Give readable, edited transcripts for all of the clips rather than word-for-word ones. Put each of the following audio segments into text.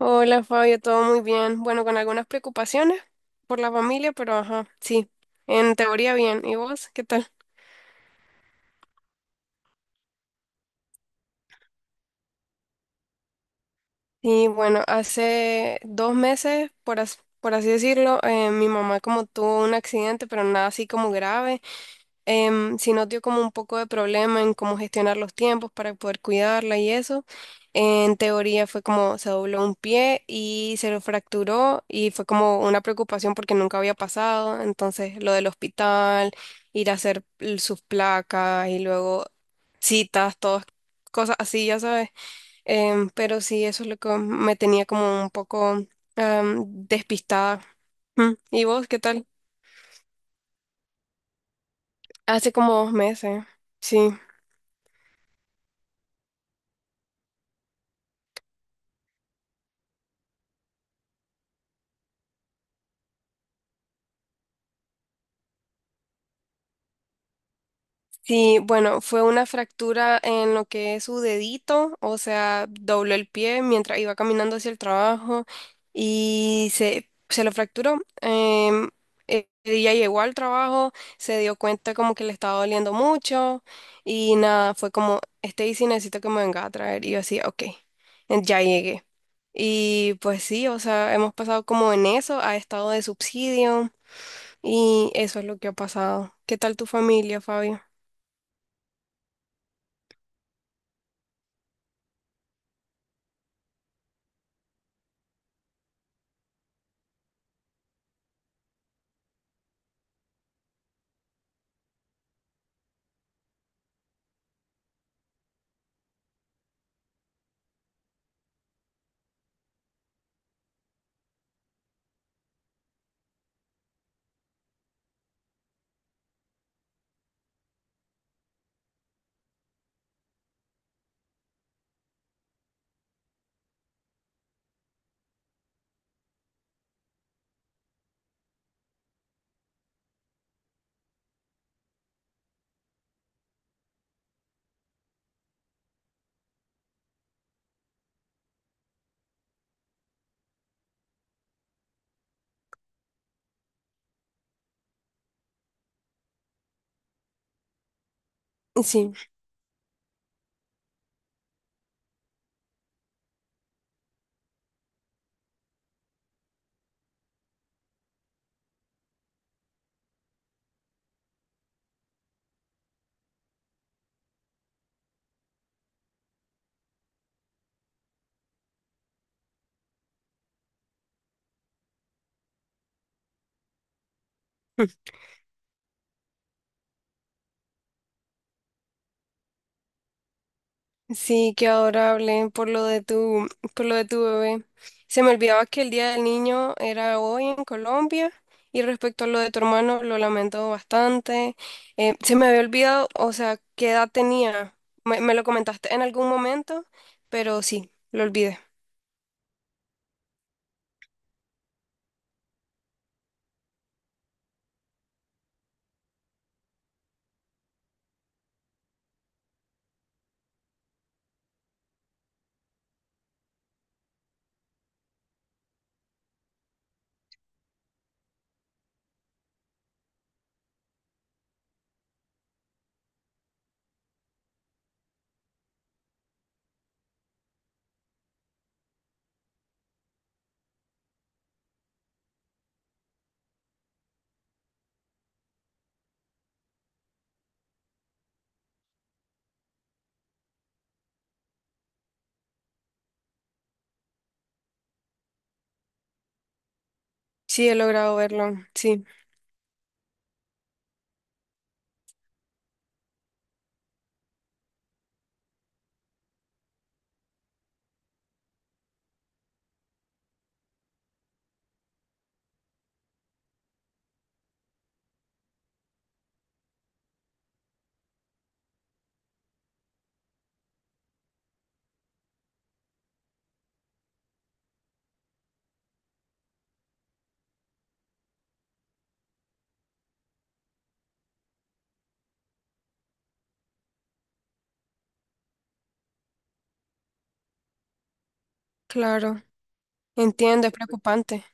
Hola Fabio, todo muy bien. Bueno, con algunas preocupaciones por la familia, pero ajá, sí, en teoría bien. ¿Y vos qué tal? Y bueno, hace 2 meses, por así decirlo, mi mamá como tuvo un accidente, pero nada así como grave. Sí nos dio como un poco de problema en cómo gestionar los tiempos para poder cuidarla y eso. En teoría fue como se dobló un pie y se lo fracturó y fue como una preocupación porque nunca había pasado. Entonces lo del hospital, ir a sus placas y luego citas, todas cosas así, ya sabes. Pero sí, eso es lo que me tenía como un poco despistada. Mm, ¿y vos qué tal? Hace como 2 meses, sí. Sí, bueno, fue una fractura en lo que es su dedito, o sea, dobló el pie mientras iba caminando hacia el trabajo y se lo fracturó. Ella llegó al trabajo, se dio cuenta como que le estaba doliendo mucho y nada, fue como, Stacy, necesito que me venga a traer. Y yo así, ok, ya llegué. Y pues sí, o sea, hemos pasado como en eso, a estado de subsidio y eso es lo que ha pasado. ¿Qué tal tu familia, Fabio? Sí. Sí, qué adorable por lo de por lo de tu bebé. Se me olvidaba que el Día del Niño era hoy en Colombia y respecto a lo de tu hermano lo lamento bastante. Se me había olvidado, o sea, qué edad tenía. Me lo comentaste en algún momento, pero sí, lo olvidé. Sí, he logrado verlo. Sí, claro. Entiendo, es preocupante.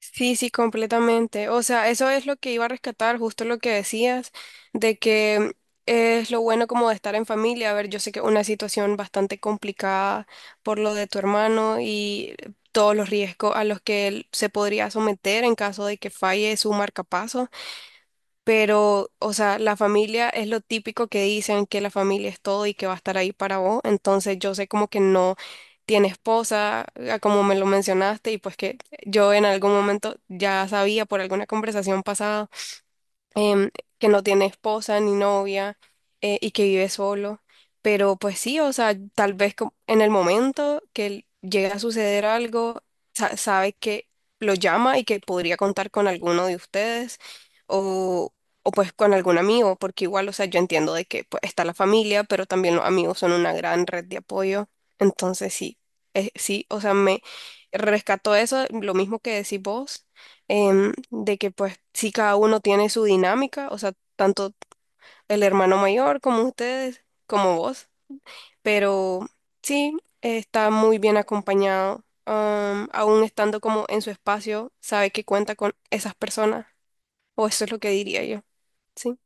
Sí, sí, completamente. O sea, eso es lo que iba a rescatar, justo lo que decías, de que es lo bueno como de estar en familia. A ver, yo sé que es una situación bastante complicada por lo de tu hermano y todos los riesgos a los que él se podría someter en caso de que falle su marcapaso, pero, o sea, la familia es lo típico que dicen, que la familia es todo y que va a estar ahí para vos, entonces yo sé como que no tiene esposa, a como me lo mencionaste, y pues que yo en algún momento ya sabía por alguna conversación pasada em, que no tiene esposa ni novia, y que vive solo. Pero pues sí, o sea, tal vez en el momento que llegue a suceder algo, sabe que lo llama y que podría contar con alguno de ustedes o, o pues con algún amigo, porque igual, o sea, yo entiendo de que pues, está la familia, pero también los amigos son una gran red de apoyo. Entonces sí, sí, o sea, me rescató eso, lo mismo que decís vos, de que pues sí cada uno tiene su dinámica, o sea, tanto el hermano mayor como ustedes, como vos, pero sí, está muy bien acompañado, aún estando como en su espacio, sabe que cuenta con esas personas, o eso es lo que diría yo. Sí.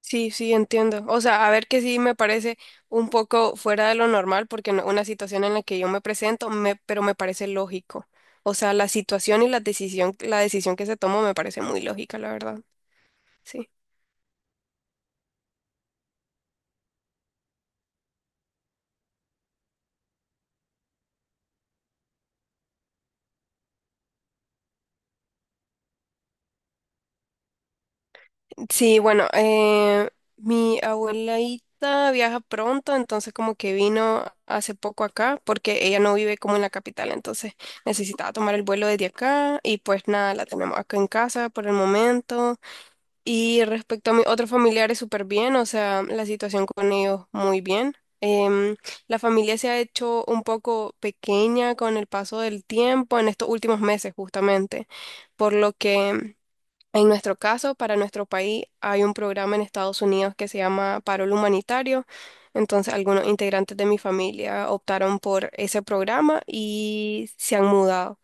Sí, sí, entiendo. O sea, a ver que sí me parece un poco fuera de lo normal, porque no- una situación en la que yo me presento, pero me parece lógico. O sea, la situación y la decisión que se tomó me parece muy lógica, la verdad. Sí. Sí, bueno, mi abuelita viaja pronto, entonces como que vino hace poco acá, porque ella no vive como en la capital, entonces necesitaba tomar el vuelo desde acá y pues nada, la tenemos acá en casa por el momento. Y respecto a mis otros familiares, súper bien, o sea, la situación con ellos muy bien. Em, la familia se ha hecho un poco pequeña con el paso del tiempo en estos últimos meses, justamente, por lo que en nuestro caso, para nuestro país, hay un programa en Estados Unidos que se llama Parol Humanitario. Entonces, algunos integrantes de mi familia optaron por ese programa y se han mudado.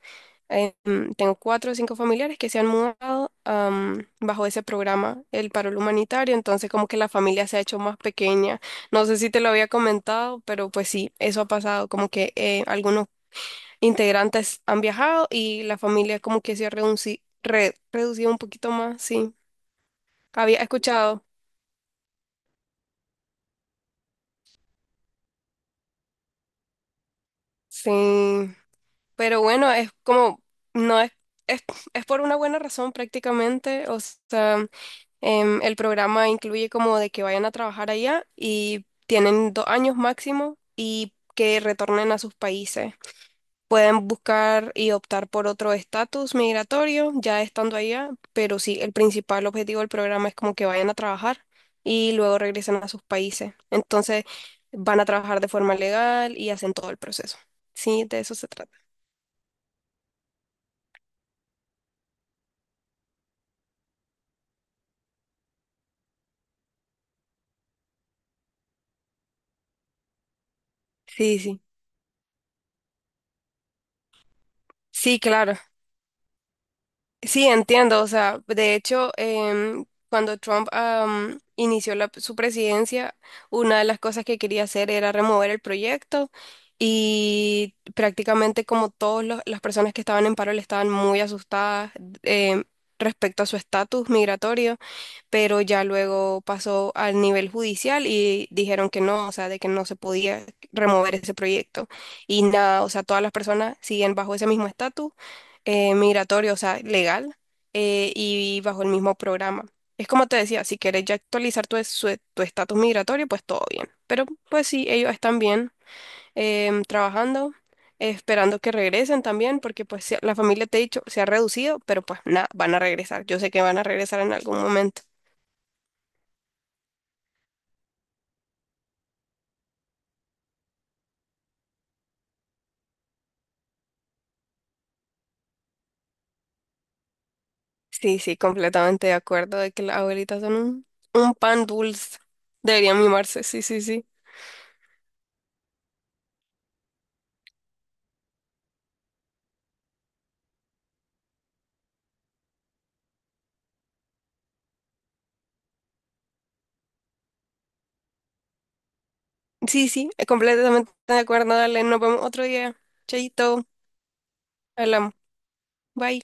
Tengo 4 o 5 familiares que se han mudado bajo ese programa, el paro humanitario, entonces como que la familia se ha hecho más pequeña. No sé si te lo había comentado, pero pues sí, eso ha pasado, como que algunos integrantes han viajado y la familia como que se ha reducido un poquito más, sí. Había escuchado, sí, pero bueno, es como, no es, es, es por una buena razón prácticamente, o sea... El programa incluye como de que vayan a trabajar allá y tienen 2 años máximo y que retornen a sus países. Pueden buscar y optar por otro estatus migratorio ya estando allá, pero sí, el principal objetivo del programa es como que vayan a trabajar y luego regresen a sus países. Entonces van a trabajar de forma legal y hacen todo el proceso. Sí, de eso se trata. Sí, sí. Sí, claro. Sí, entiendo. O sea, de hecho, cuando Trump, inició su presidencia, una de las cosas que quería hacer era remover el proyecto y prácticamente como todas las personas que estaban en paro le estaban muy asustadas em, respecto a su estatus migratorio, pero ya luego pasó al nivel judicial y dijeron que no, o sea, de que no se podía remover ese proyecto. Y nada, o sea, todas las personas siguen bajo ese mismo estatus, migratorio, o sea, legal, y bajo el mismo programa. Es como te decía, si quieres ya actualizar tu tu estatus migratorio, pues todo bien. Pero pues sí, ellos están bien, trabajando, esperando que regresen también, porque pues la familia, te he dicho, se ha reducido, pero pues nada, van a regresar. Yo sé que van a regresar en algún momento. Sí, sí, completamente de acuerdo de que las abuelitas son un pan dulce. Deberían mimarse, sí, sí, sí. Sí, sí, completamente de acuerdo. Dale, nos vemos otro día. Chaito, hablamos. Bye.